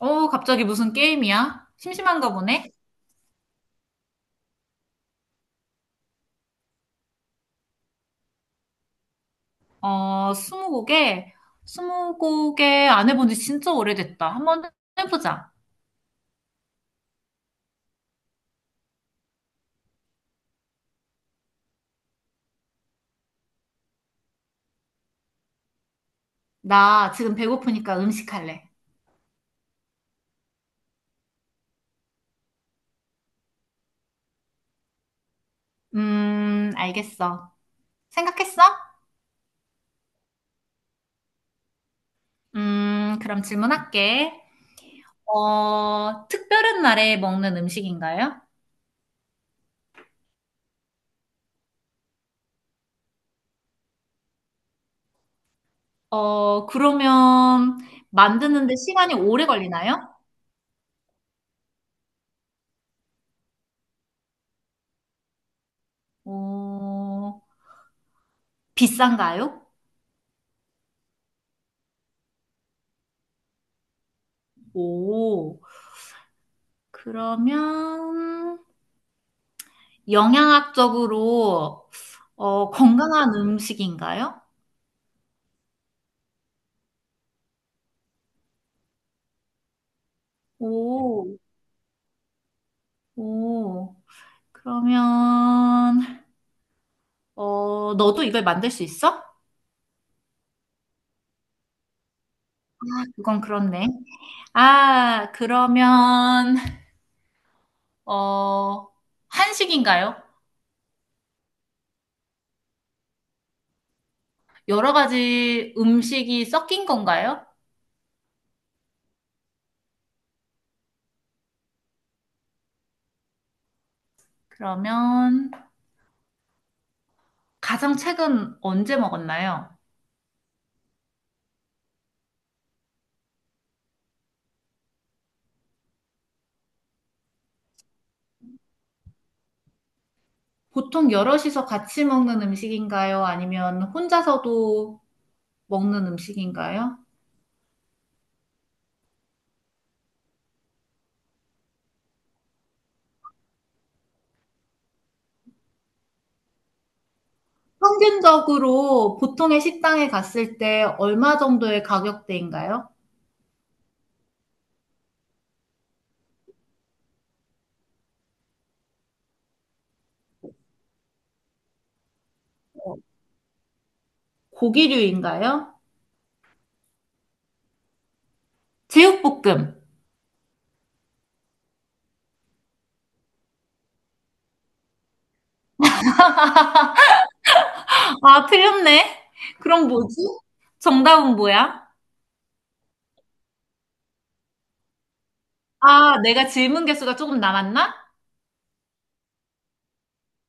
갑자기 무슨 게임이야? 심심한가 보네? 스무고개? 스무고개 안 해본 지 진짜 오래됐다. 한번 해보자. 나 지금 배고프니까 음식 할래. 알겠어. 생각했어? 그럼 질문할게. 특별한 날에 먹는 음식인가요? 어, 그러면 만드는데 시간이 오래 걸리나요? 어, 비싼가요? 오, 그러면 영양학적으로 어, 건강한 음식인가요? 오, 오. 그러면 어, 너도 이걸 만들 수 있어? 그건 그렇네. 아, 그러면 어, 한식인가요? 여러 가지 음식이 섞인 건가요? 그러면 가장 최근 언제 먹었나요? 보통 여럿이서 같이 먹는 음식인가요? 아니면 혼자서도 먹는 음식인가요? 평균적으로 보통의 식당에 갔을 때 얼마 정도의 가격대인가요? 고기류인가요? 제육볶음. 아, 틀렸네. 그럼 뭐지? 정답은 뭐야? 아, 내가 질문 개수가 조금 남았나?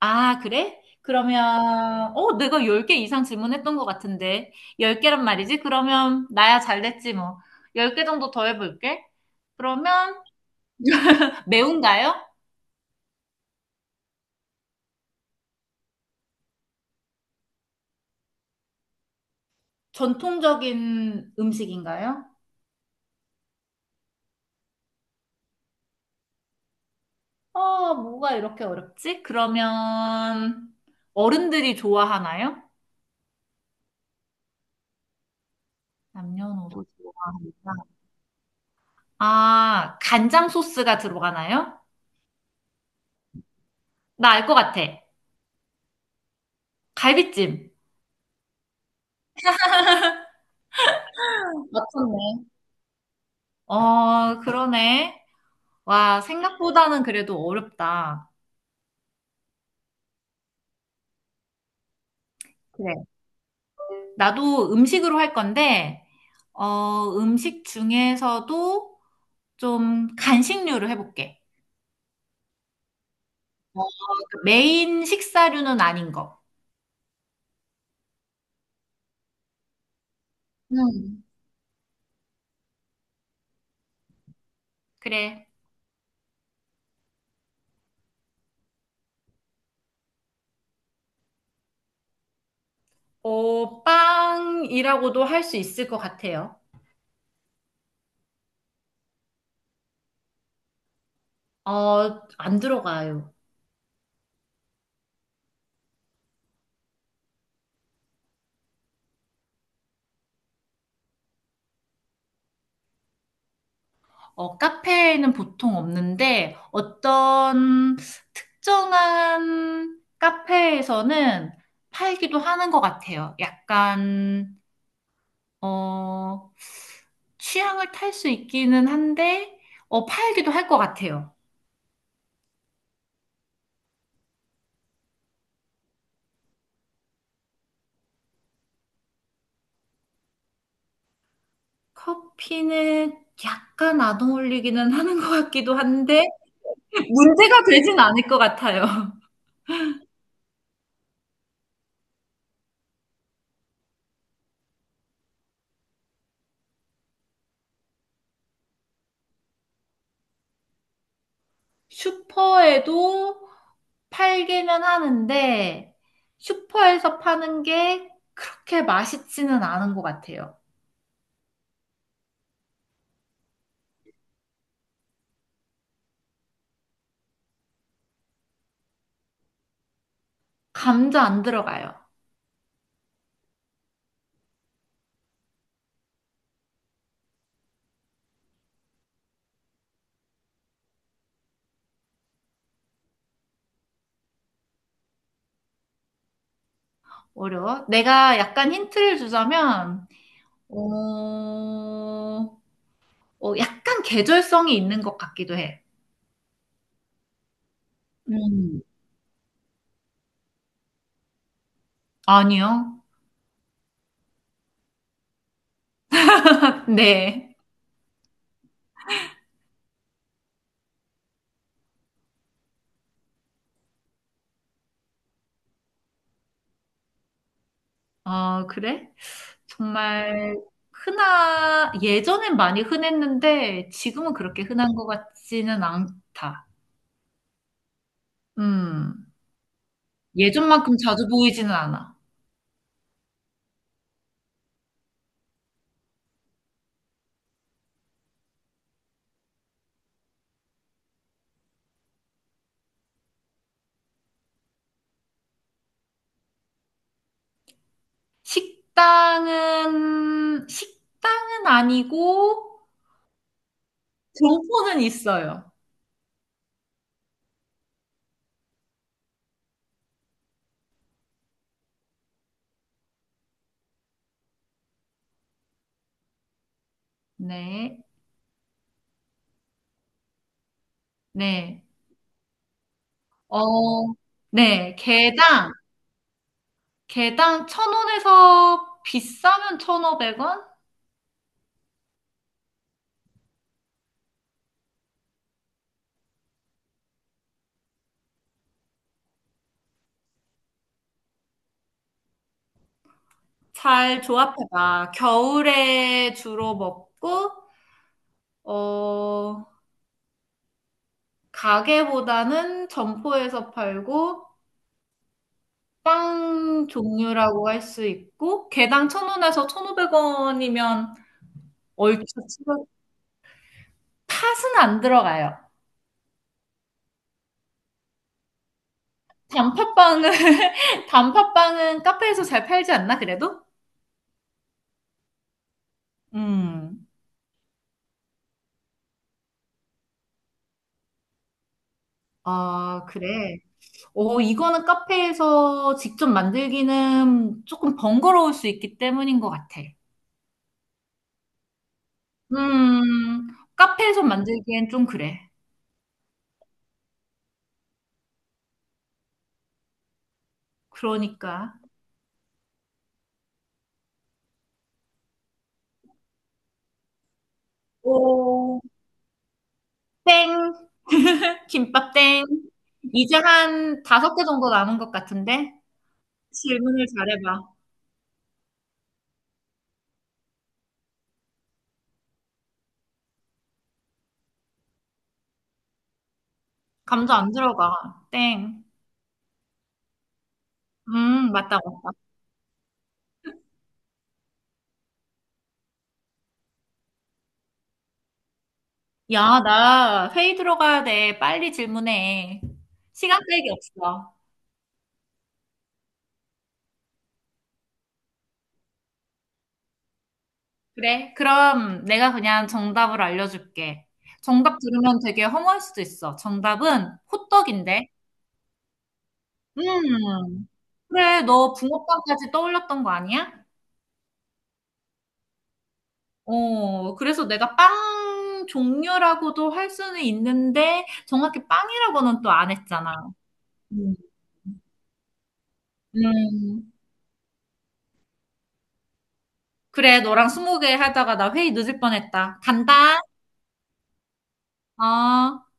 아, 그래? 그러면, 어, 내가 10개 이상 질문했던 것 같은데. 10개란 말이지? 그러면, 나야 잘 됐지, 뭐. 10개 정도 더 해볼게. 그러면, 매운가요? 전통적인 음식인가요? 어, 뭐가 이렇게 어렵지? 그러면 어른들이 좋아하나요? 남녀노소. 아, 간장 소스가 들어가나요? 나 알 것 같아. 갈비찜. 맞췄네. 어, 그러네. 와, 생각보다는 그래도 어렵다. 그래. 나도 음식으로 할 건데, 어, 음식 중에서도 좀 간식류를 해볼게. 그러니까 메인 식사류는 아닌 거. 음. 그래. 어, 빵이라고도 할 수 있을 것 같아요. 어, 안 들어가요. 어, 카페에는 보통 없는데 어떤 특정한 카페에서는 팔기도 하는 것 같아요. 약간, 어, 취향을 탈 수 있기는 한데, 어, 팔기도 할 것 같아요. 커피는 약간 안 어울리기는 하는 것 같기도 한데, 문제가 되진 않을 것 같아요. 슈퍼에도 팔기는 하는데, 슈퍼에서 파는 게 그렇게 맛있지는 않은 것 같아요. 감자 안 들어가요. 어려워. 내가 약간 힌트를 주자면, 어, 어, 약간 계절성이 있는 것 같기도 해. 음. 아니요. 네. 어, 그래? 정말 흔하, 예전엔 많이 흔했는데, 지금은 그렇게 흔한 것 같지는 않다. 음. 예전만큼 자주 보이지는 않아. 식당은 아니고, 점포는 있어요. 네, 네. 어, 네. 개당, 개당 천 원에서 비싸면 천오백 원? 잘 조합해봐. 겨울에 주로 먹고, 어, 가게보다는 점포에서 팔고, 빵 종류라고 할 수 있고, 개당 천원에서천오백원이면 얼추 치고 팥은 안 들어가요. 단팥빵은 단팥빵은 카페에서 잘 팔지 않나 그래도? 음. 아, 그래. 어, 이거는 카페에서 직접 만들기는 조금 번거로울 수 있기 때문인 것 같아. 음, 카페에서 만들기엔 좀 그래. 그러니까. 오, 땡. 김밥 땡. 이제 한 다섯 개 정도 남은 것 같은데? 질문을 잘해봐. 감자 안 들어가. 땡. 맞다. 야, 나 회의 들어가야 돼. 빨리 질문해. 시간 끌기 없어. 그래? 그럼 내가 그냥 정답을 알려줄게. 정답 들으면 되게 허무할 수도 있어. 정답은 호떡인데. 음, 그래. 너 붕어빵까지 떠올렸던 거 아니야? 어, 그래서 내가 빵 종류라고도 할 수는 있는데, 정확히 빵이라고는 또 안 했잖아. 음, 음. 그래, 너랑 스무개 하다가 나 회의 늦을 뻔했다. 간다. 아,